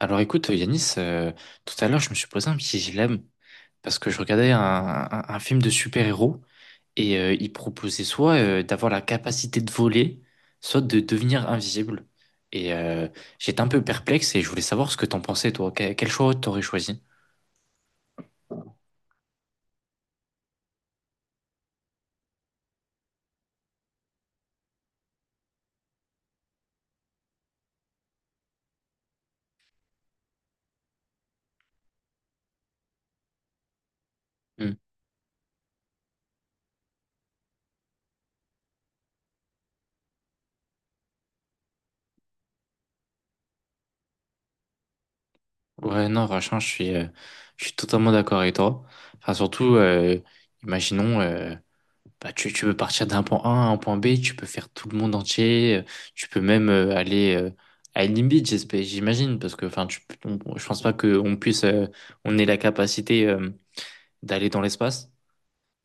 Alors écoute, Yanis, tout à l'heure, je me suis posé un petit dilemme parce que je regardais un film de super-héros et il proposait soit d'avoir la capacité de voler, soit de devenir invisible. Et euh, J'étais un peu perplexe et je voulais savoir ce que t'en pensais, toi. Quel choix t'aurais choisi? Hmm. Ouais, non, franchement, je suis totalement d'accord avec toi. Enfin, surtout, imaginons. Bah, tu peux partir d'un point A à un point B, tu peux faire tout le monde entier, tu peux même aller à une Beach, j'imagine, parce que enfin, tu, je pense pas qu'on puisse, on ait la capacité d'aller dans l'espace,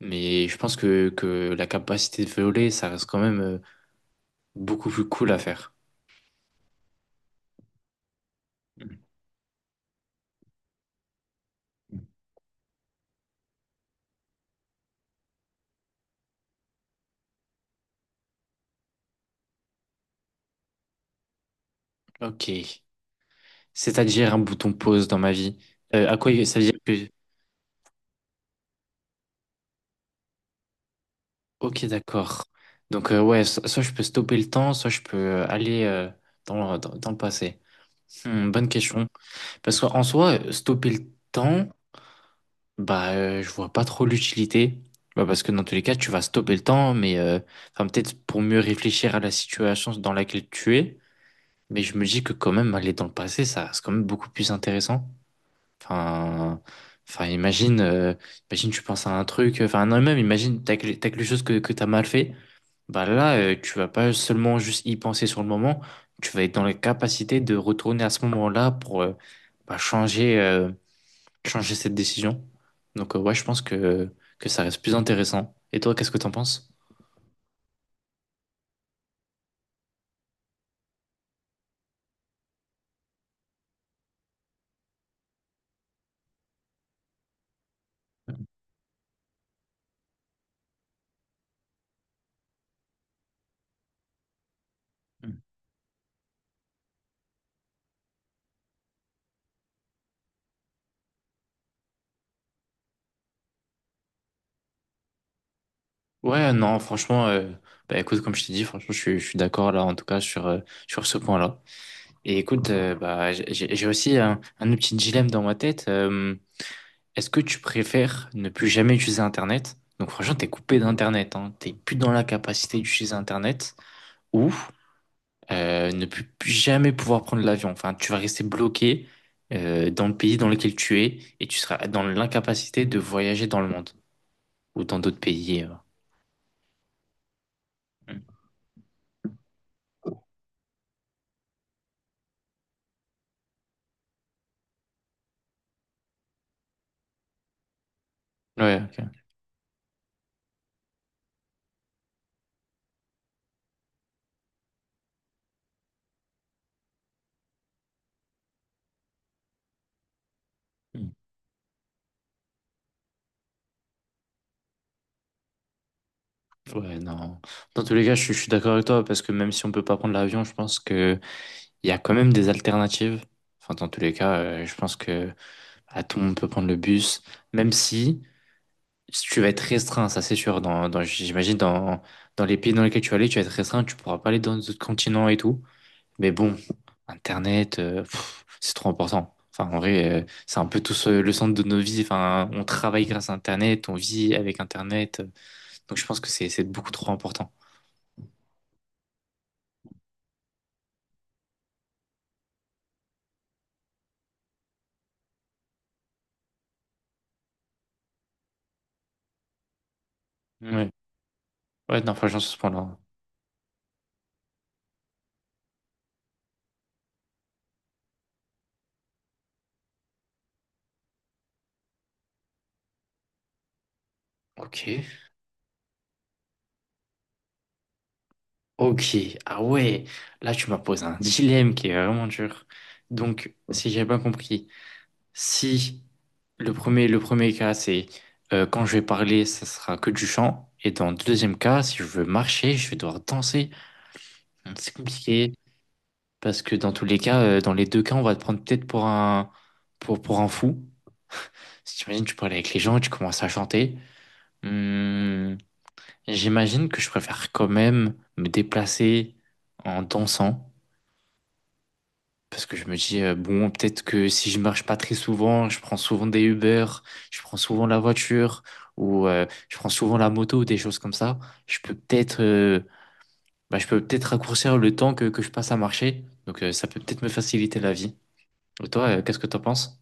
mais je pense que la capacité de voler, ça reste quand même beaucoup plus cool à faire. Ok, c'est-à-dire un bouton pause dans ma vie. À quoi ça veut dire que... Ok, d'accord. Donc ouais, soit je peux stopper le temps, soit je peux aller dans le passé. Hmm, bonne question. Parce qu'en soi, stopper le temps, bah, je vois pas trop l'utilité. Bah, parce que dans tous les cas, tu vas stopper le temps, mais enfin, peut-être pour mieux réfléchir à la situation dans laquelle tu es. Mais je me dis que quand même, aller dans le passé, ça reste quand même beaucoup plus intéressant. Enfin, enfin, imagine, imagine, tu penses à un truc, enfin, non, même imagine, t'as quelque chose que t'as mal fait. Bah là, tu vas pas seulement juste y penser sur le moment, tu vas être dans la capacité de retourner à ce moment-là pour bah, changer cette décision. Donc ouais, je pense que ça reste plus intéressant. Et toi, qu'est-ce que t'en penses? Mm. Ouais, non, franchement, bah écoute, comme je t'ai dit, franchement, je suis d'accord là, en tout cas, sur ce point-là. Et écoute, bah, j'ai aussi un autre petit dilemme dans ma tête. Est-ce que tu préfères ne plus jamais utiliser Internet? Donc franchement, t'es coupé d'Internet, hein. T'es plus dans la capacité d'utiliser Internet ou ne plus jamais pouvoir prendre l'avion. Enfin, tu vas rester bloqué dans le pays dans lequel tu es et tu seras dans l'incapacité de voyager dans le monde ou dans d'autres pays. Mm. Ouais, ok. Mm. Ouais, non. Dans tous les cas, je suis d'accord avec toi parce que même si on peut pas prendre l'avion, je pense que il y a quand même des alternatives. Enfin, dans tous les cas, je pense que à tout le monde peut prendre le bus, même si tu vas être restreint, ça c'est sûr. J'imagine dans les pays dans lesquels tu vas aller, tu vas être restreint, tu pourras pas aller dans d'autres continents et tout. Mais bon, Internet, pff, c'est trop important. Enfin, en vrai, c'est un peu tout le centre de nos vies. Enfin, on travaille grâce à Internet, on vit avec Internet. Donc je pense que c'est beaucoup trop important. Ouais, ouais, non, franchement, sur ce point-là. Ok. Ok. Ah ouais, là tu m'as posé un dilemme qui est vraiment dur. Donc, si j'ai bien compris. Si le premier cas, c'est quand je vais parler, ça sera que du chant. Et dans le deuxième cas, si je veux marcher, je vais devoir danser. Donc, c'est compliqué parce que dans tous les cas, dans les deux cas, on va te prendre peut-être pour pour un fou. Si tu imagines, tu parles avec les gens, et tu commences à chanter. Hmm, j'imagine que je préfère quand même me déplacer en dansant. Parce que je me dis, bon, peut-être que si je marche pas très souvent, je prends souvent des Uber, je prends souvent la voiture, ou je prends souvent la moto, ou des choses comme ça, je peux peut-être bah, je peux peut-être raccourcir le temps que je passe à marcher. Donc ça peut peut-être me faciliter la vie. Et toi, qu'est-ce que t'en penses?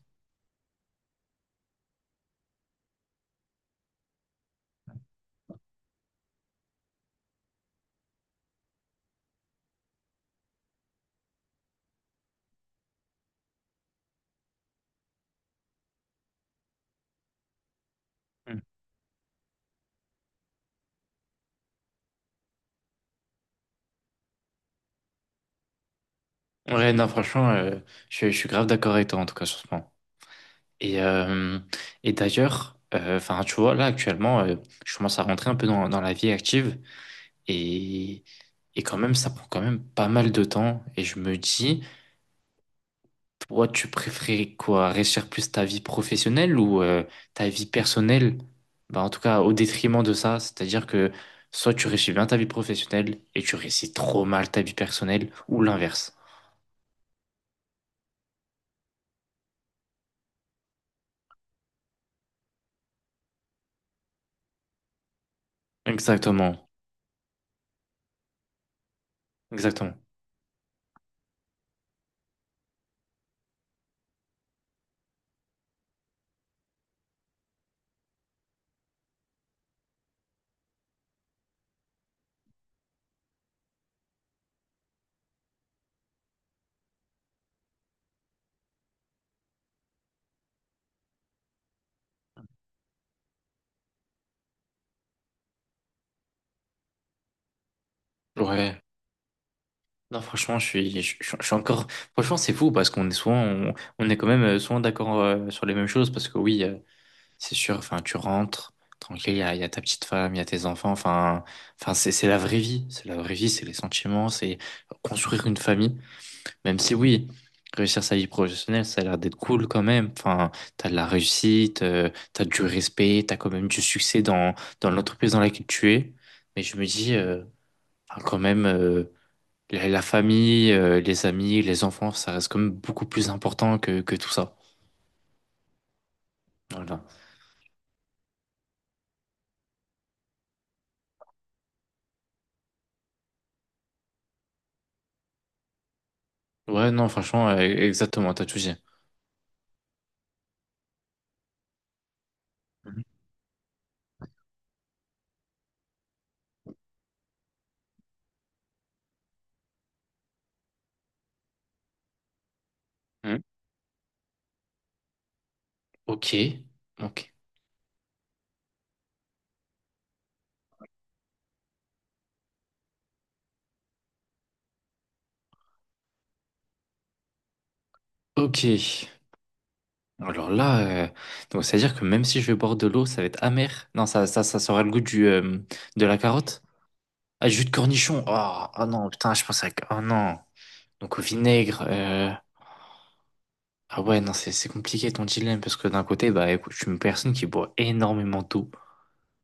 Mm. Ouais, non, franchement, je suis grave d'accord avec toi, en tout cas, sur ce point. Et, euh, et d'ailleurs, enfin, tu vois, là, actuellement, je commence à rentrer un peu dans la vie active. Et Et quand même, ça prend quand même pas mal de temps. Et je me dis, toi, tu préférais quoi? Réussir plus ta vie professionnelle ou ta vie personnelle? Bah, en tout cas, au détriment de ça. C'est-à-dire que soit tu réussis bien ta vie professionnelle et tu réussis trop mal ta vie personnelle ou l'inverse. Exactement. Exactement. Ouais. Non, franchement, je suis encore. Franchement, c'est fou parce qu'on est souvent, on est quand même souvent d'accord sur les mêmes choses parce que oui. C'est sûr, enfin, tu rentres, tranquille, il y a ta petite femme, il y a tes enfants, enfin, enfin, c'est la vraie vie, c'est la vraie vie, c'est les sentiments, c'est construire une famille, même si oui, réussir sa vie professionnelle, ça a l'air d'être cool quand même, enfin, t'as de la réussite, t'as du respect, t'as quand même du succès dans l'entreprise dans laquelle tu es, mais je me dis, enfin, quand même, la famille, les amis, les enfants, ça reste quand même beaucoup plus important que tout ça. Voilà. Ouais, non, franchement, exactement, t'as tout dit. Mhm. Ok, ok, ok. Alors là, euh, donc c'est à dire que même si je vais boire de l'eau, ça va être amer. Non, ça sera le goût du de la carotte. Ah, jus de cornichon. Ah ah non, putain, je pensais que. Oh non. Donc au vinaigre. Ah ouais, non, c'est compliqué ton dilemme parce que d'un côté, bah écoute, je suis une personne qui boit énormément d'eau.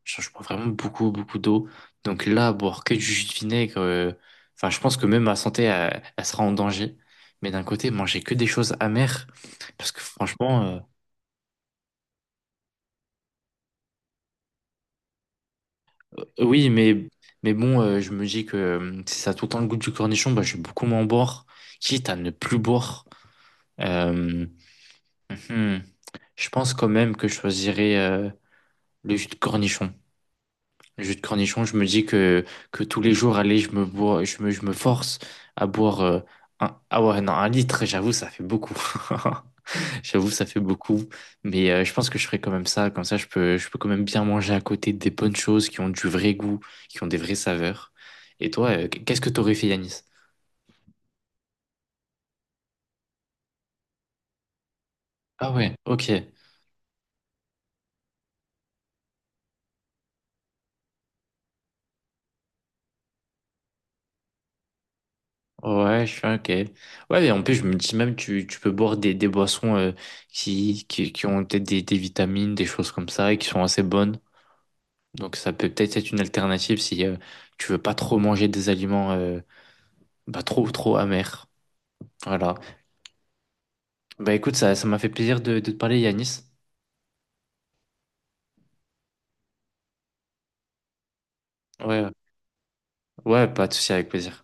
Genre, je bois vraiment beaucoup, beaucoup d'eau. Donc là, boire que du jus de vinaigre, enfin, je pense que même ma santé, elle sera en danger. Mais d'un côté, manger que des choses amères, parce que franchement, oui, mais bon, je me dis que si ça a tout le temps le goût du cornichon, bah, je vais beaucoup moins boire, quitte à ne plus boire. Euh, hum, hum. Je pense quand même que je choisirais le jus de cornichon. Le jus de cornichon, je me dis que tous les jours, allez, je me bois, je me force à boire un, ah ouais, non, un litre, j'avoue, ça fait beaucoup. J'avoue, ça fait beaucoup. Mais je pense que je ferai quand même ça. Comme ça, je peux quand même bien manger à côté des bonnes choses qui ont du vrai goût, qui ont des vraies saveurs. Et toi, qu'est-ce que t'aurais fait, Yanis? Ah ouais, ok. Ouais, je suis ok. Ouais, et en plus, je me dis même, tu peux boire des boissons qui ont peut-être des vitamines, des choses comme ça, et qui sont assez bonnes. Donc ça peut peut-être être une alternative si tu veux pas trop manger des aliments bah, trop trop amers. Voilà. Bah écoute, ça m'a fait plaisir de te parler, Yanis. Ouais, ouais, pas de souci, avec plaisir.